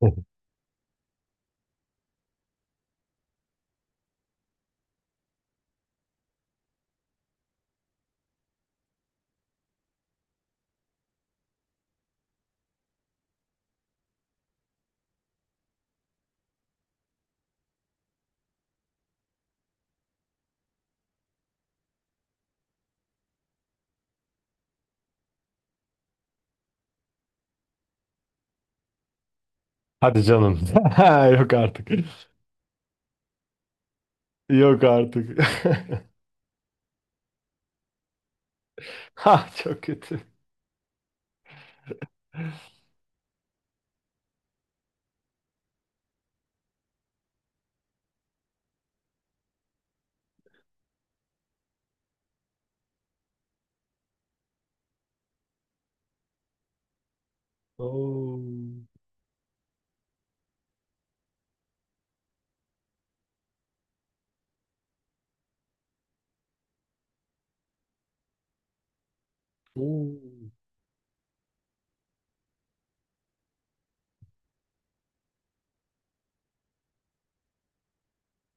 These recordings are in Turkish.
Hadi canım. Ha, yok artık. Yok artık. Ha, çok kötü. Oo. Oo.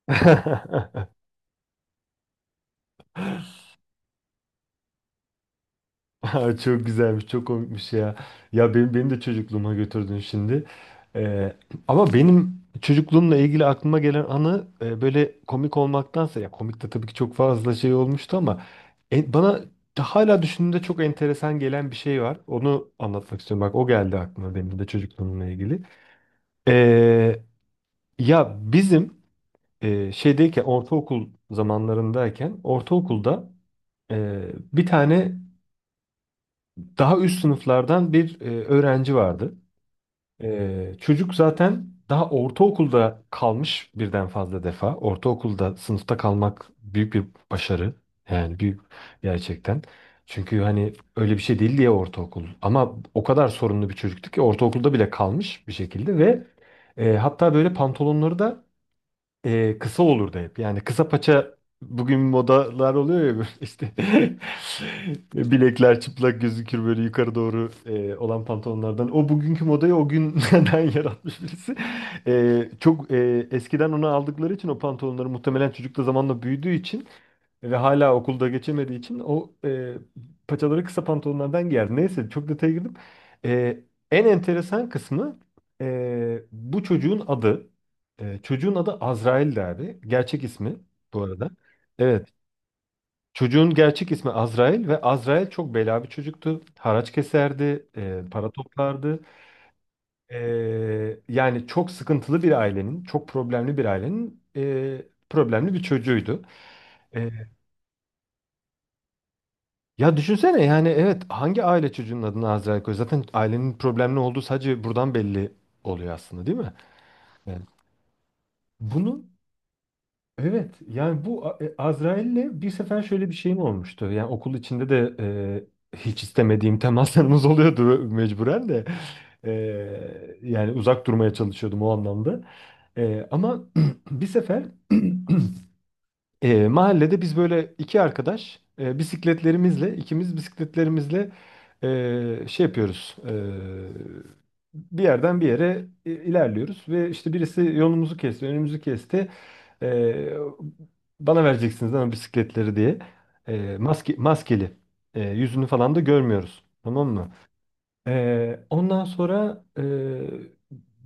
Aa, çok güzelmiş, çok komikmiş ya. Ya benim, beni de çocukluğuma götürdün şimdi. Ee, Ama benim çocukluğumla ilgili aklıma gelen anı böyle komik olmaktansa ya komik de tabii ki çok fazla şey olmuştu ama bana hala düşündüğümde çok enteresan gelen bir şey var. Onu anlatmak istiyorum. Bak o geldi aklıma benim de çocukluğumla ilgili. Ee, Ya bizim şeydeyken ortaokul zamanlarındayken ortaokulda e, bir tane daha üst sınıflardan bir öğrenci vardı. E, çocuk zaten daha ortaokulda kalmış birden fazla defa. Ortaokulda sınıfta kalmak büyük bir başarı. Yani büyük gerçekten. Çünkü hani öyle bir şey değil diye ortaokul. Ama o kadar sorunlu bir çocuktu ki ortaokulda bile kalmış bir şekilde ve hatta böyle pantolonları da kısa olurdu hep. Yani kısa paça bugün modalar oluyor ya böyle işte bilekler çıplak gözükür böyle yukarı doğru olan pantolonlardan. O bugünkü modayı o günden yaratmış birisi. Çok eskiden onu aldıkları için o pantolonları muhtemelen çocuk da zamanla büyüdüğü için ve hala okulda geçemediği için o paçaları kısa pantolonlardan giyer. Neyse çok detaya girdim. E, En enteresan kısmı bu çocuğun adı. E, çocuğun adı Azrail'di abi. Gerçek ismi bu arada. Evet. Çocuğun gerçek ismi Azrail ve Azrail çok bela bir çocuktu. Haraç keserdi, para toplardı. E, Yani çok sıkıntılı bir ailenin, çok problemli bir ailenin problemli bir çocuğuydu. E, Ya düşünsene yani evet hangi aile çocuğunun adını Azrail koyuyor? Zaten ailenin problemli olduğu sadece buradan belli oluyor aslında, değil mi? Evet. Bunu evet yani bu Azrail'le bir sefer şöyle bir şeyim olmuştu. Yani okul içinde de hiç istemediğim temaslarımız oluyordu mecburen de. E, Yani uzak durmaya çalışıyordum o anlamda. E, ama bir sefer Mahallede biz böyle iki arkadaş e, bisikletlerimizle ikimiz bisikletlerimizle şey yapıyoruz. Bir yerden bir yere ilerliyoruz ve işte birisi yolumuzu kesti, önümüzü kesti. E, Bana vereceksiniz ama bisikletleri diye. E, maske, maskeli. E, yüzünü falan da görmüyoruz. Tamam mı? Ondan sonra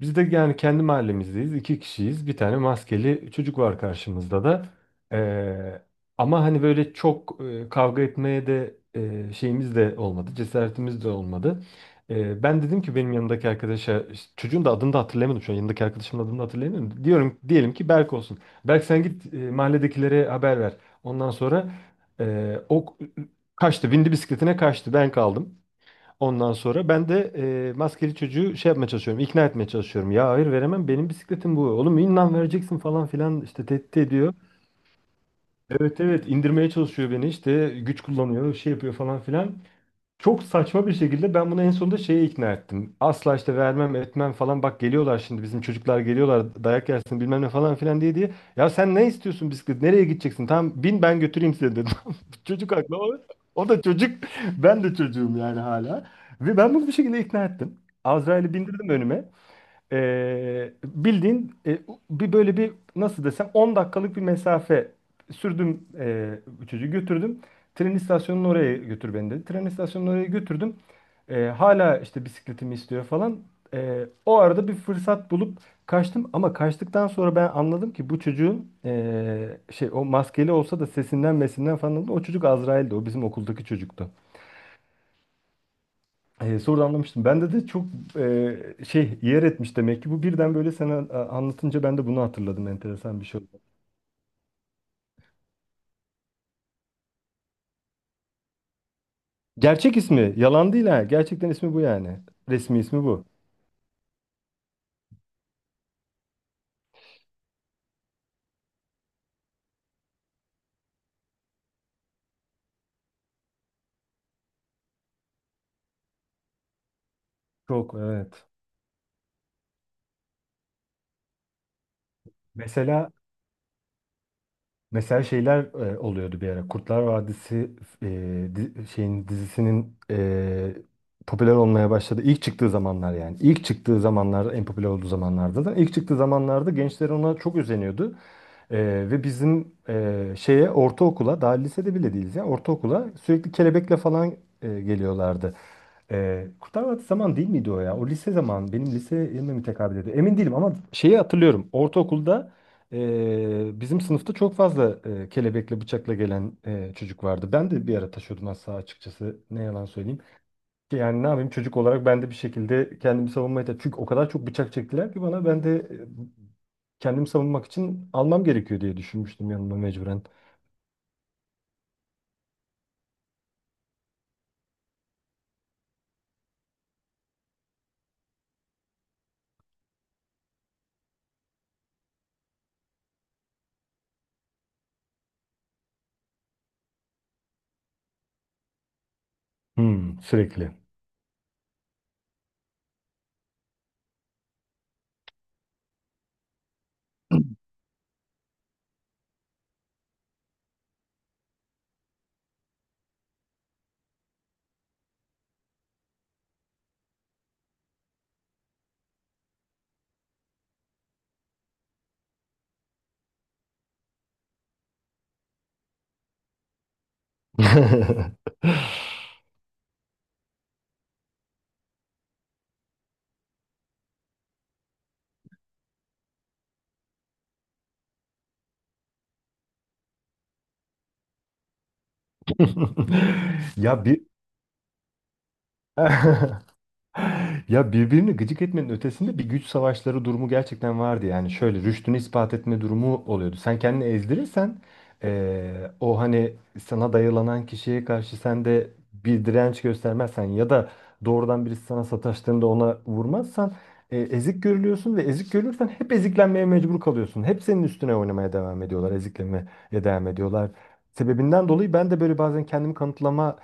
biz de yani kendi mahallemizdeyiz. İki kişiyiz. Bir tane maskeli çocuk var karşımızda da. Ee, Ama hani böyle çok kavga etmeye de şeyimiz de olmadı. Cesaretimiz de olmadı. Ben dedim ki benim yanımdaki arkadaşa işte çocuğun da adını da hatırlayamadım şu an. Yanındaki arkadaşımın adını da hatırlayamıyorum. Diyorum diyelim ki Berk olsun. Berk sen git mahalledekilere haber ver. Ondan sonra o kaçtı. Bindi bisikletine kaçtı. Ben kaldım. Ondan sonra ben de maskeli çocuğu şey yapmaya çalışıyorum, ikna etmeye çalışıyorum. Ya hayır veremem, benim bisikletim bu. Oğlum inan vereceksin falan filan işte tehdit ediyor. Evet evet, indirmeye çalışıyor beni işte güç kullanıyor, şey yapıyor falan filan. Çok saçma bir şekilde ben bunu en sonunda şeye ikna ettim. Asla işte vermem etmem falan bak geliyorlar şimdi bizim çocuklar geliyorlar dayak yersin bilmem ne falan filan diye diye. Ya sen ne istiyorsun bisiklet nereye gideceksin? Tamam bin ben götüreyim seni dedim. Çocuk haklı. O da çocuk. Ben de çocuğum yani hala. Ve ben bunu bir şekilde ikna ettim. Azrail'i bindirdim önüme. Bildiğin bir böyle bir nasıl desem 10 dakikalık bir mesafe sürdüm çocuğu götürdüm. Tren istasyonuna oraya götür beni dedi. Tren istasyonuna oraya götürdüm. Hala işte bisikletimi istiyor falan. O arada bir fırsat bulup kaçtım ama kaçtıktan sonra ben anladım ki bu çocuğun şey o maskeli olsa da sesinden mesinden falan anladım. O çocuk Azrail'di. O bizim okuldaki çocuktu. E, sonra anlamıştım. Bende de çok şey yer etmiş demek ki. Bu birden böyle sen anlatınca ben de bunu hatırladım. Enteresan bir şey oldu. Gerçek ismi. Yalan değil ha. Gerçekten ismi bu yani. Resmi ismi bu. Çok evet. Mesela Mesela şeyler oluyordu bir ara. Kurtlar Vadisi e, şeyin dizisinin popüler olmaya başladı. İlk çıktığı zamanlar yani. İlk çıktığı zamanlar en popüler olduğu zamanlarda da. İlk çıktığı zamanlarda gençler ona çok özeniyordu. E, Ve bizim şeye ortaokula daha lisede bile değiliz ya ortaokula sürekli kelebekle falan geliyorlardı. Kurtlar Vadisi zaman değil miydi o ya? O lise zaman. Benim lise liseye mi tekabül ediyor? Emin değilim ama şeyi hatırlıyorum. Ortaokulda bizim sınıfta çok fazla kelebekle bıçakla gelen çocuk vardı. Ben de bir ara taşıyordum az sağa açıkçası. Ne yalan söyleyeyim. Ki yani ne yapayım çocuk olarak ben de bir şekilde kendimi savunmaya çalıştım. Çünkü o kadar çok bıçak çektiler ki bana ben de kendimi savunmak için almam gerekiyor diye düşünmüştüm yanıma mecburen. Hmm, sürekli. Ya bir Ya birbirini gıcık etmenin ötesinde bir güç savaşları durumu gerçekten vardı. Yani şöyle rüştünü ispat etme durumu oluyordu. Sen kendini ezdirirsen o hani sana dayılanan kişiye karşı sen de bir direnç göstermezsen ya da doğrudan birisi sana sataştığında ona vurmazsan ezik görülüyorsun ve ezik görülürsen hep eziklenmeye mecbur kalıyorsun. Hep senin üstüne oynamaya devam ediyorlar, eziklemeye devam ediyorlar. Sebebinden dolayı ben de böyle bazen kendimi kanıtlama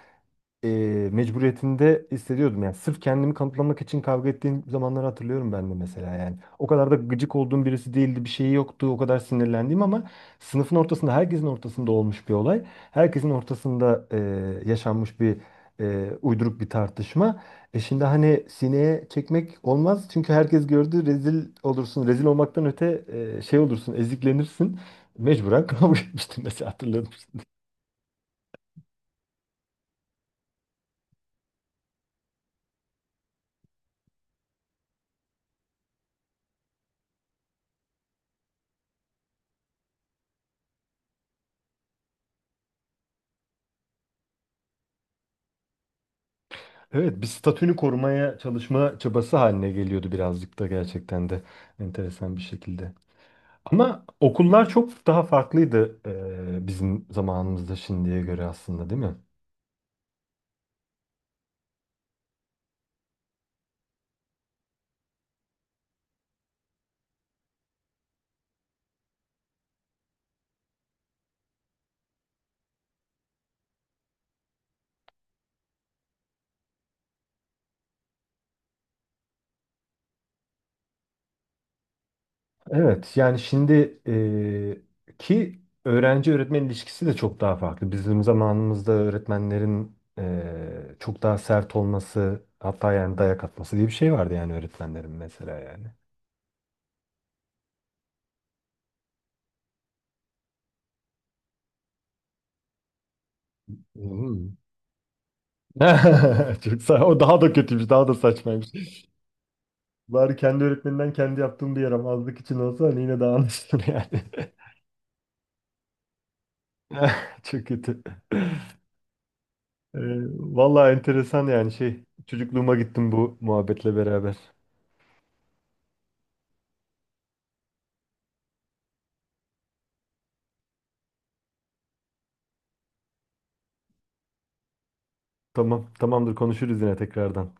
e, mecburiyetinde hissediyordum. Yani sırf kendimi kanıtlamak için kavga ettiğim zamanları hatırlıyorum ben de mesela yani. O kadar da gıcık olduğum birisi değildi, bir şeyi yoktu, o kadar sinirlendiğim ama sınıfın ortasında, herkesin ortasında olmuş bir olay. Herkesin ortasında yaşanmış bir uyduruk bir tartışma. E şimdi hani sineye çekmek olmaz çünkü herkes gördü rezil olursun. Rezil olmaktan öte şey olursun, eziklenirsin. Mecburen kavga etmiştim mesela hatırladım. Evet, bir statünü korumaya çalışma çabası haline geliyordu birazcık da gerçekten de enteresan bir şekilde. Ama okullar çok daha farklıydı bizim zamanımızda şimdiye göre aslında, değil mi? Evet, yani şimdi ki öğrenci öğretmen ilişkisi de çok daha farklı. Bizim zamanımızda öğretmenlerin çok daha sert olması, hatta yani dayak atması diye bir şey vardı yani öğretmenlerin mesela yani. Hmm. Çok sağ, o daha da kötüymüş, daha da saçmaymış. Bari kendi öğretmeninden kendi yaptığım bir yaramazlık için olsa hani yine daha anlaşılır yani. Çok kötü. Ee, Vallahi enteresan yani şey. Çocukluğuma gittim bu muhabbetle beraber. Tamam, tamamdır konuşuruz yine tekrardan.